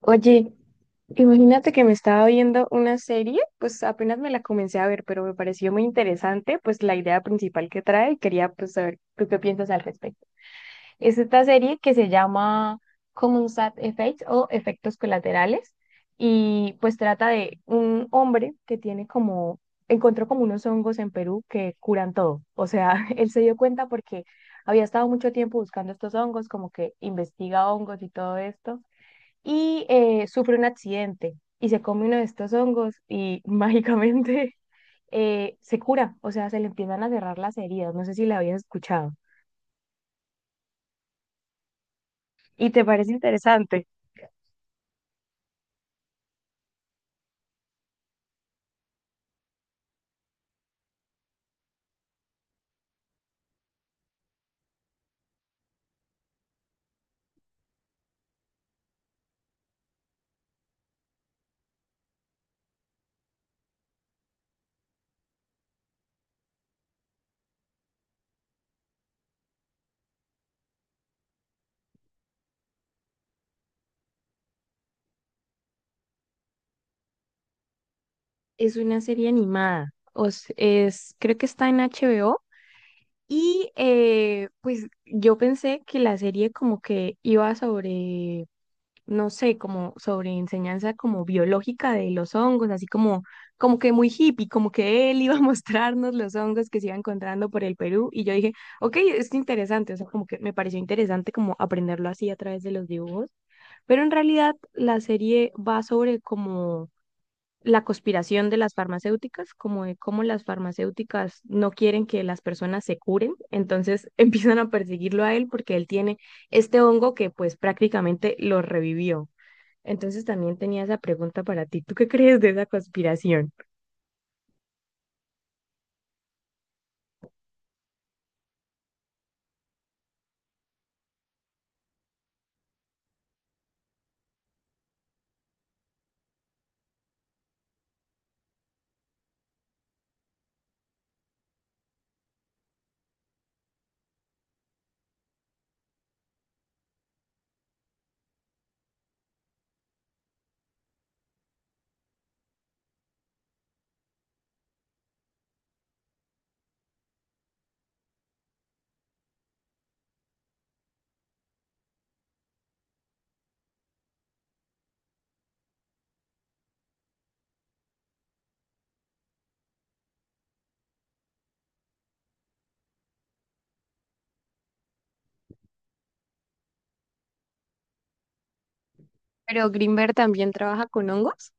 Oye, imagínate que me estaba viendo una serie, pues apenas me la comencé a ver, pero me pareció muy interesante, pues la idea principal que trae y quería pues saber tú qué piensas al respecto. Es esta serie que se llama Common Side Effects o Efectos Colaterales y pues trata de un hombre que tiene como, encontró como unos hongos en Perú que curan todo. O sea, él se dio cuenta porque había estado mucho tiempo buscando estos hongos, como que investiga hongos y todo esto y sufre un accidente y se come uno de estos hongos y mágicamente se cura, o sea, se le empiezan a cerrar las heridas. No sé si la habías escuchado. ¿Y te parece interesante? Es una serie animada, creo que está en HBO. Y pues yo pensé que la serie como que iba sobre no sé, como sobre enseñanza como biológica de los hongos, así como, como que muy hippie, como que él iba a mostrarnos los hongos que se iban encontrando por el Perú y yo dije, ok, es interesante, o sea, como que me pareció interesante como aprenderlo así a través de los dibujos, pero en realidad la serie va sobre como la conspiración de las farmacéuticas, como de cómo las farmacéuticas no quieren que las personas se curen, entonces empiezan a perseguirlo a él porque él tiene este hongo que pues prácticamente lo revivió. Entonces también tenía esa pregunta para ti. ¿Tú qué crees de esa conspiración? Pero Greenberg también trabaja con hongos.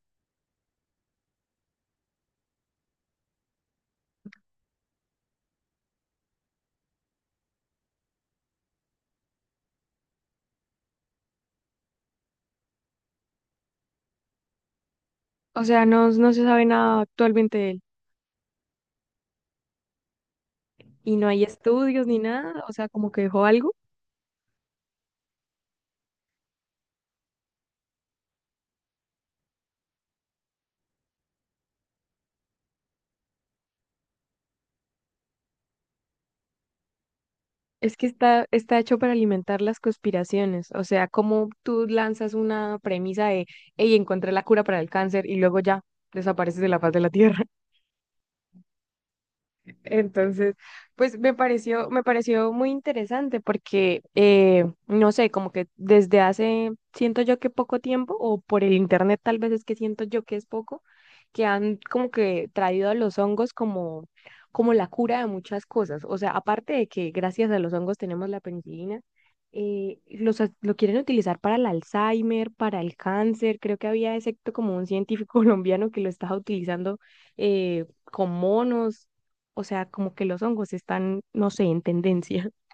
O sea, no, no se sabe nada actualmente de él. Y no hay estudios ni nada. O sea, como que dejó algo. Es que está, hecho para alimentar las conspiraciones. O sea, como tú lanzas una premisa de, hey, encontré la cura para el cáncer y luego ya desapareces de la faz de la Tierra. Entonces, pues me pareció muy interesante porque, no sé, como que desde hace, siento yo que poco tiempo, o por el internet tal vez es que siento yo que es poco, que han como que traído a los hongos como, como la cura de muchas cosas. O sea, aparte de que gracias a los hongos tenemos la penicilina, lo quieren utilizar para el Alzheimer, para el cáncer. Creo que había, excepto como un científico colombiano que lo estaba utilizando con monos. O sea, como que los hongos están, no sé, en tendencia.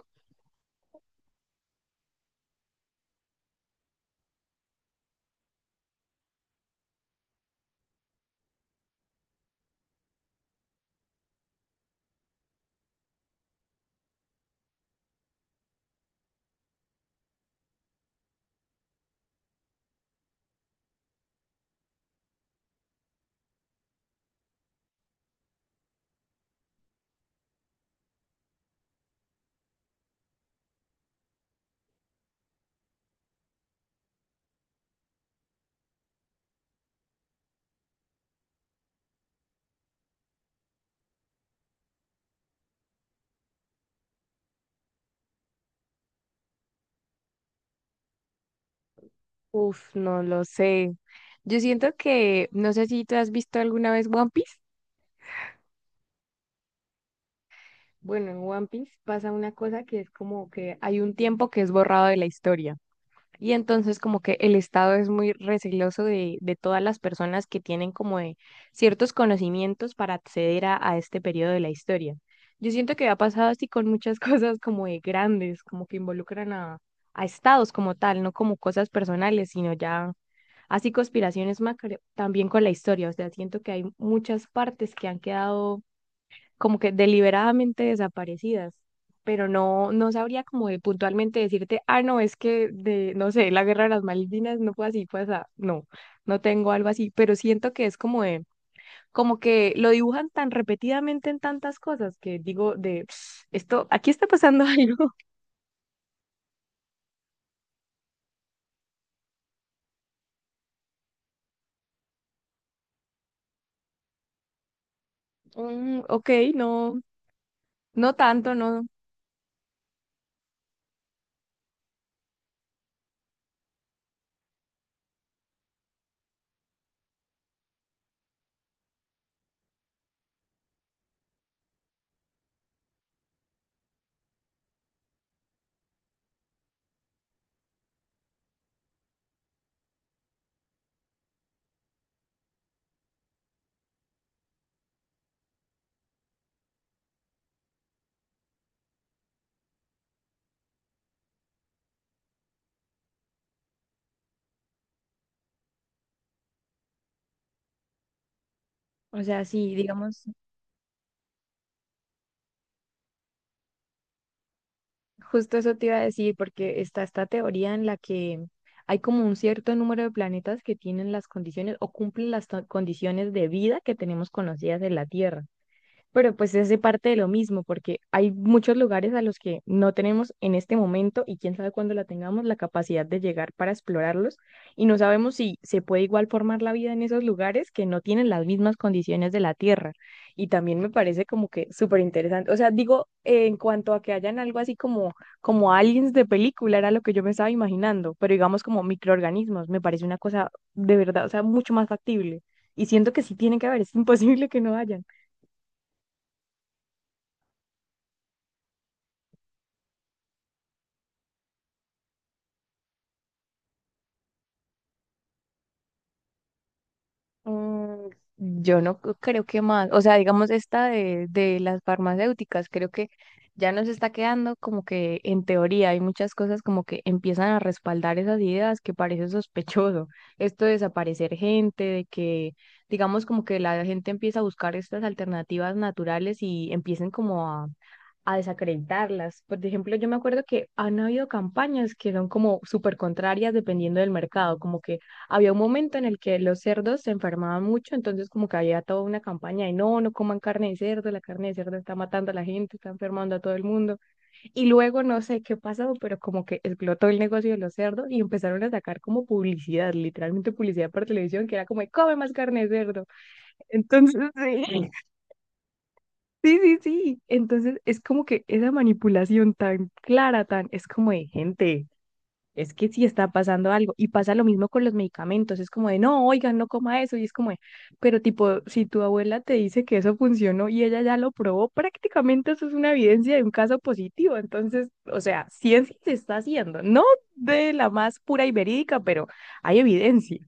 Uf, no lo sé. Yo siento que, no sé si tú has visto alguna vez One Piece. Bueno, en One Piece pasa una cosa que es como que hay un tiempo que es borrado de la historia. Y entonces como que el Estado es muy receloso de todas las personas que tienen como de ciertos conocimientos para acceder a este periodo de la historia. Yo siento que ha pasado así con muchas cosas como de grandes, como que involucran a estados como tal, no como cosas personales, sino ya así conspiraciones macro, también con la historia. O sea, siento que hay muchas partes que han quedado como que deliberadamente desaparecidas, pero no, no sabría como de puntualmente decirte, ah, no, es que de, no sé, la guerra de las Malvinas no fue así, fue así, no, no tengo algo así, pero siento que es como de, como que lo dibujan tan repetidamente en tantas cosas que digo de, "Ps, esto, aquí está pasando algo". Mm, ok, no, no tanto, no, o sea, sí, digamos. Justo eso te iba a decir, porque está esta teoría en la que hay como un cierto número de planetas que tienen las condiciones o cumplen las condiciones de vida que tenemos conocidas en la Tierra, pero pues es de parte de lo mismo, porque hay muchos lugares a los que no tenemos en este momento y quién sabe cuándo la tengamos la capacidad de llegar para explorarlos y no sabemos si se puede igual formar la vida en esos lugares que no tienen las mismas condiciones de la Tierra. Y también me parece como que súper interesante. O sea, digo, en cuanto a que hayan algo así como, como aliens de película, era lo que yo me estaba imaginando, pero digamos como microorganismos, me parece una cosa de verdad, o sea, mucho más factible. Y siento que sí tiene que haber, es imposible que no haya. Mm, yo no creo que más, o sea, digamos esta de las farmacéuticas, creo que ya nos está quedando como que en teoría hay muchas cosas como que empiezan a respaldar esas ideas que parece sospechoso. Esto de desaparecer gente, de que digamos como que la gente empieza a buscar estas alternativas naturales y empiecen como a desacreditarlas. Por ejemplo, yo me acuerdo que han habido campañas que son como súper contrarias dependiendo del mercado, como que había un momento en el que los cerdos se enfermaban mucho, entonces como que había toda una campaña de no, no coman carne de cerdo, la carne de cerdo está matando a la gente, está enfermando a todo el mundo. Y luego no sé qué pasó, pero como que explotó el negocio de los cerdos y empezaron a sacar como publicidad, literalmente publicidad por televisión, que era como, de, come más carne de cerdo. Entonces, sí. Sí, sí, sí. Entonces es como que esa manipulación tan clara, tan, es como de gente, es que sí está pasando algo. Y pasa lo mismo con los medicamentos, es como de, no, oigan, no coma eso. Y es como de, pero tipo, si tu abuela te dice que eso funcionó y ella ya lo probó, prácticamente eso es una evidencia de un caso positivo. Entonces, o sea, ciencia se está haciendo, no de la más pura y verídica, pero hay evidencia.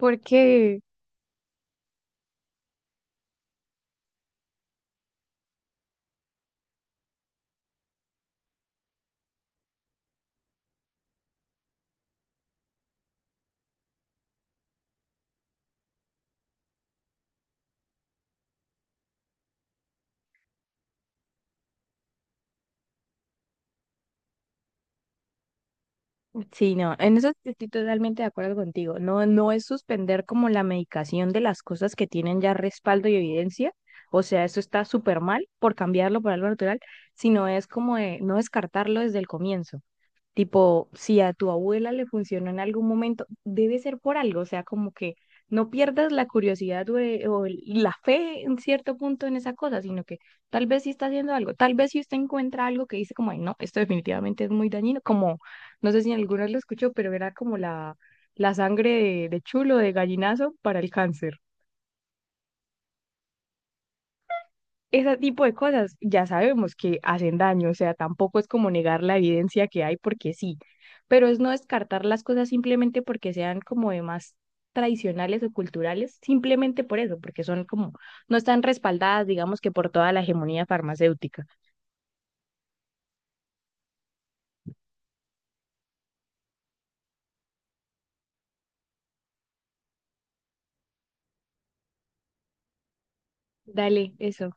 Porque sí, no, en eso sí estoy totalmente de acuerdo contigo. No, no es suspender como la medicación de las cosas que tienen ya respaldo y evidencia. O sea, eso está súper mal por cambiarlo por algo natural, sino es como de no descartarlo desde el comienzo. Tipo, si a tu abuela le funcionó en algún momento, debe ser por algo, o sea, como que no pierdas la curiosidad o la fe en cierto punto en esa cosa, sino que tal vez sí está haciendo algo, tal vez si usted encuentra algo que dice como, "Ay, no, esto definitivamente es muy dañino". Como, no sé si alguno lo escuchó, pero era como la sangre de chulo, de gallinazo para el cáncer. Ese tipo de cosas ya sabemos que hacen daño, o sea, tampoco es como negar la evidencia que hay porque sí, pero es no descartar las cosas simplemente porque sean como de más tradicionales o culturales, simplemente por eso, porque son como, no están respaldadas, digamos que por toda la hegemonía farmacéutica. Dale, eso,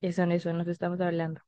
eso, en eso, nos estamos hablando.